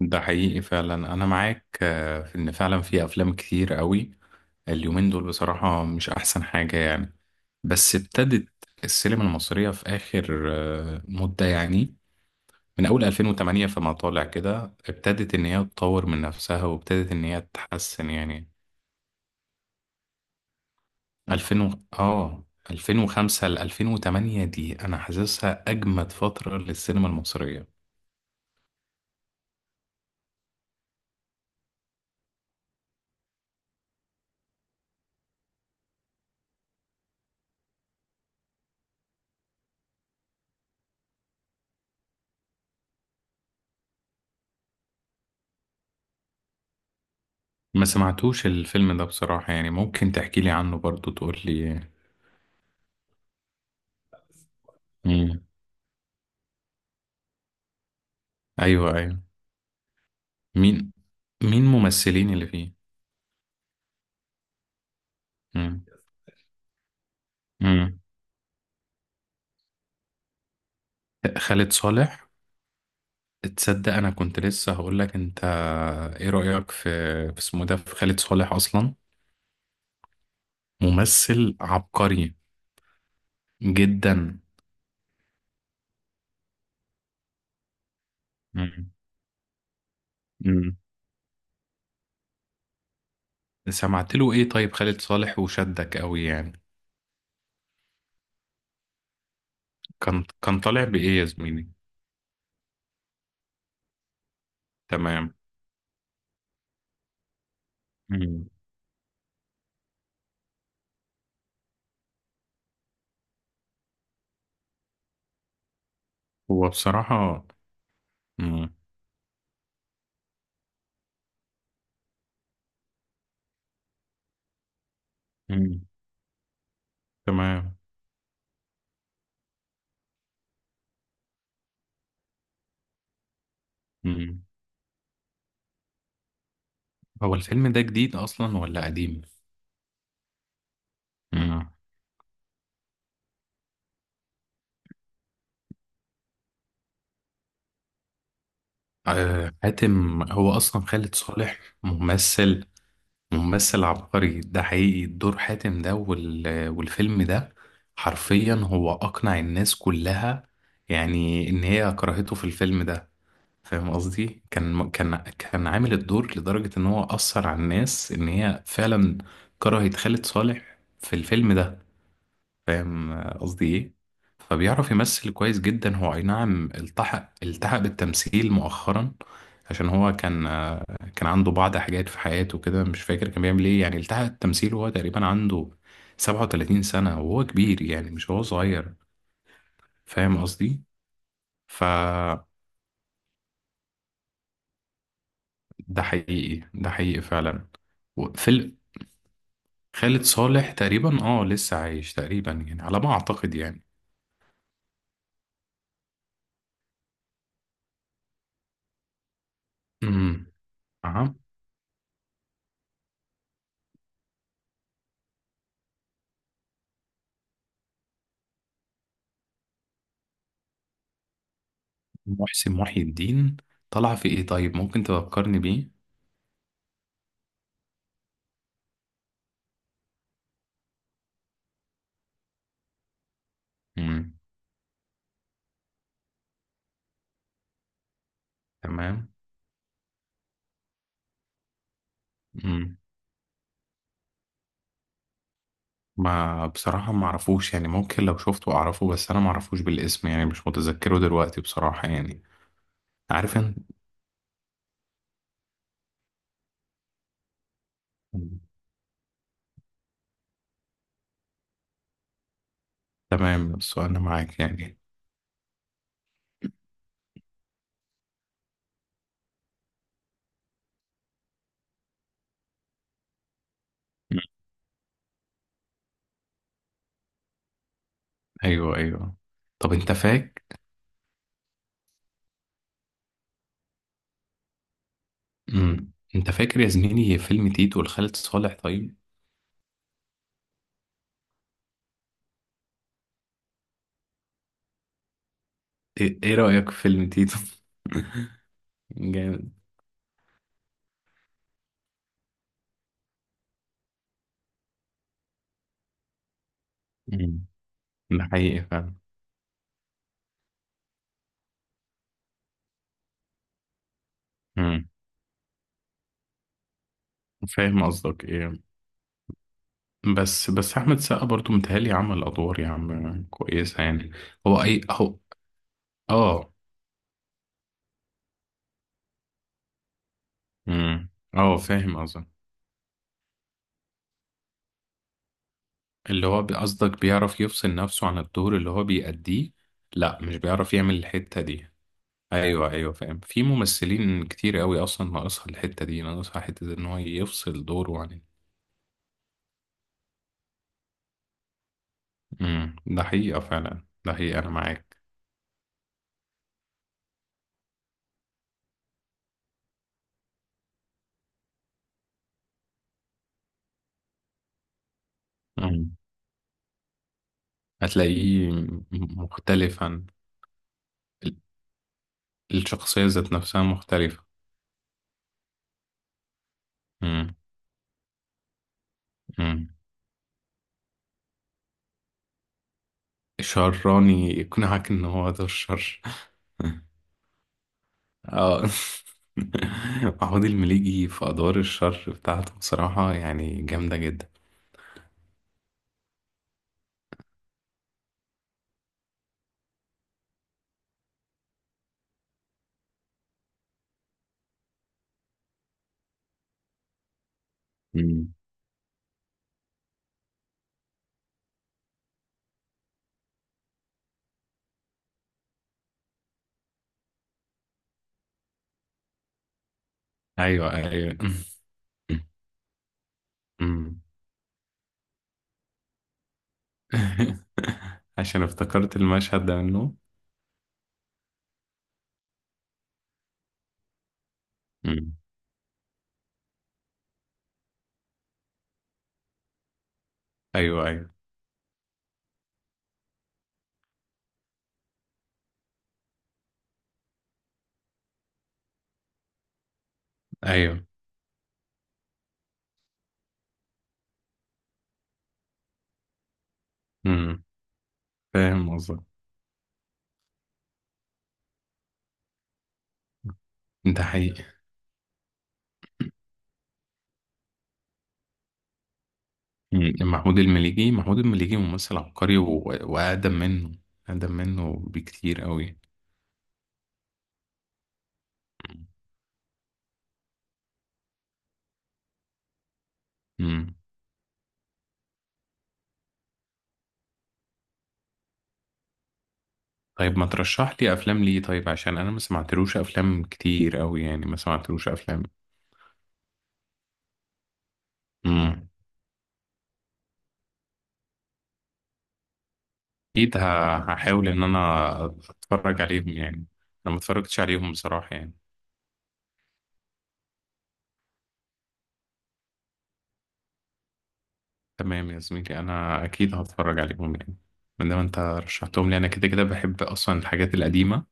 ده حقيقي فعلا، انا معاك. في ان فعلا في افلام كتير قوي اليومين دول، بصراحة مش احسن حاجة يعني. بس ابتدت السينما المصرية في اخر مدة يعني، من اول 2008 فما طالع كده، ابتدت ان هي تطور من نفسها وابتدت ان هي تتحسن يعني. 2000 و... اه 2005 ل 2008 دي انا حاسسها اجمد فترة للسينما المصرية. ما سمعتوش الفيلم ده بصراحة يعني، ممكن تحكي لي عنه برضو، تقول لي. ايوه، ايوه، مين مين ممثلين اللي فيه؟ مم. مم. خالد صالح. تصدق انا كنت لسه هقول لك انت، ايه رأيك في اسمه ده، في خالد صالح اصلا؟ ممثل عبقري جدا. مم. مم. سمعت له ايه طيب خالد صالح وشدك قوي يعني؟ كان طالع بايه يا زميلي؟ تمام. مم. هو بصراحة. مم. مم. تمام. مم. هو الفيلم ده جديد اصلا ولا قديم؟ مم. حاتم هو اصلا خالد صالح ممثل عبقري، ده حقيقي. دور حاتم ده والفيلم ده، حرفيا هو اقنع الناس كلها يعني ان هي كرهته في الفيلم ده. فاهم قصدي؟ كان عامل الدور لدرجة ان هو اثر على الناس ان هي فعلا كرهت خالد صالح في الفيلم ده. فاهم قصدي ايه؟ فبيعرف يمثل كويس جدا. هو اي نعم، التحق بالتمثيل مؤخرا. عشان هو كان، كان عنده بعض حاجات في حياته كده، مش فاكر كان بيعمل ايه يعني. التحق التمثيل وهو تقريبا عنده 37 سنة، وهو كبير يعني، مش هو صغير. فاهم قصدي؟ فده حقيقي، ده حقيقي فعلا. وفي ال- خالد صالح تقريبا اه، لسه عايش تقريبا يعني، على ما اعتقد يعني. امم. اها. محسن محي الدين طلع في ايه طيب، ممكن تفكرني بيه؟ امم. تمام. امم. ما بصراحة ما اعرفوش يعني، ممكن لو شفته اعرفه، بس انا ما اعرفوش بالاسم يعني، مش متذكره دلوقتي بصراحة يعني. عارف انت. مم. تمام، السؤال انا معاك يعني. مم. ايوه، ايوه. طب انت فاك. امم. انت فاكر يا زميلي فيلم تيتو لخالد صالح طيب؟ إيه رأيك في فيلم تيتو؟ جامد. مم. ده حقيقي فعلا. مم. فاهم قصدك ايه. بس احمد السقا برضو متهيألي عمل ادوار يا عم كويسه يعني. هو اي اهو. اه. امم. اه، فاهم قصدك. اللي هو قصدك بيعرف يفصل نفسه عن الدور اللي هو بيأديه؟ لا مش بيعرف يعمل الحته دي. ايوه، ايوه، فاهم. في ممثلين كتير قوي اصلا ناقصها الحته دي، ناقصها حته ان هو يفصل دوره عن. امم، ده حقيقه فعلا، ده حقيقه انا معاك. امم. هتلاقيه مختلفا. ال- الشخصيه ذات نفسها مختلفه. امم. شراني يقنعك ان هو ده الشر. اه. محمود المليجي في ادوار الشر بتاعته بصراحة يعني جامدة جدا. مم. ايوه، ايوه. مم. عشان افتكرت المشهد ده منه. مم. ايوه، ايوه، ايوه. مم. فاهم قصدك. ده حقيقي. مم. محمود المليجي ممثل عبقري واقدم منه، اقدم منه بكتير قوي. مم. طيب، ما ترشح لي افلام ليه طيب، عشان انا ما سمعتلوش افلام كتير قوي يعني، ما سمعتلوش افلام. امم. اكيد هحاول ان انا اتفرج عليهم يعني. انا ما اتفرجتش عليهم بصراحة يعني. تمام يا زميلي، انا اكيد هتفرج عليهم يعني، من ما انت رشحتهم لي انا، كده كده بحب اصلا الحاجات القديمة.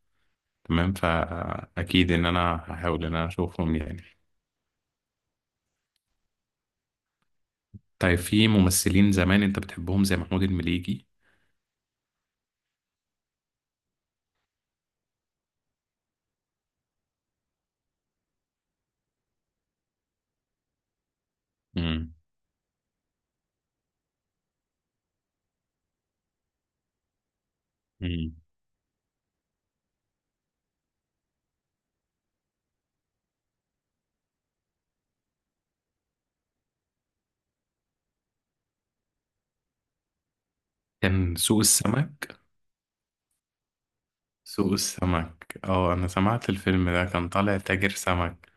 تمام، فاكيد ان انا هحاول ان انا اشوفهم يعني. طيب، في ممثلين زمان انت بتحبهم زي محمود المليجي؟ امم. امم. كان سوق السمك. سوق السمك، اه، انا سمعت الفيلم ده كان طالع تاجر سمك.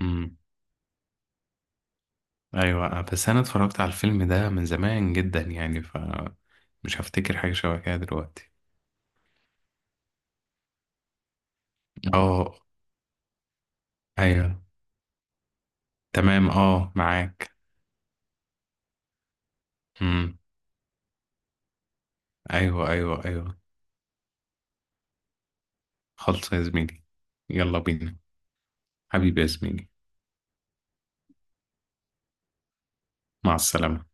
امم. ايوه، بس انا اتفرجت على الفيلم ده من زمان جدا يعني، فمش هفتكر حاجه شبه كده دلوقتي. اه. ايوه. تمام، اه، معاك. امم. ايوه، ايوه، ايوه. خلص يا زميلي. يلا بينا. حبيبي يا زميلي. مع السلامه.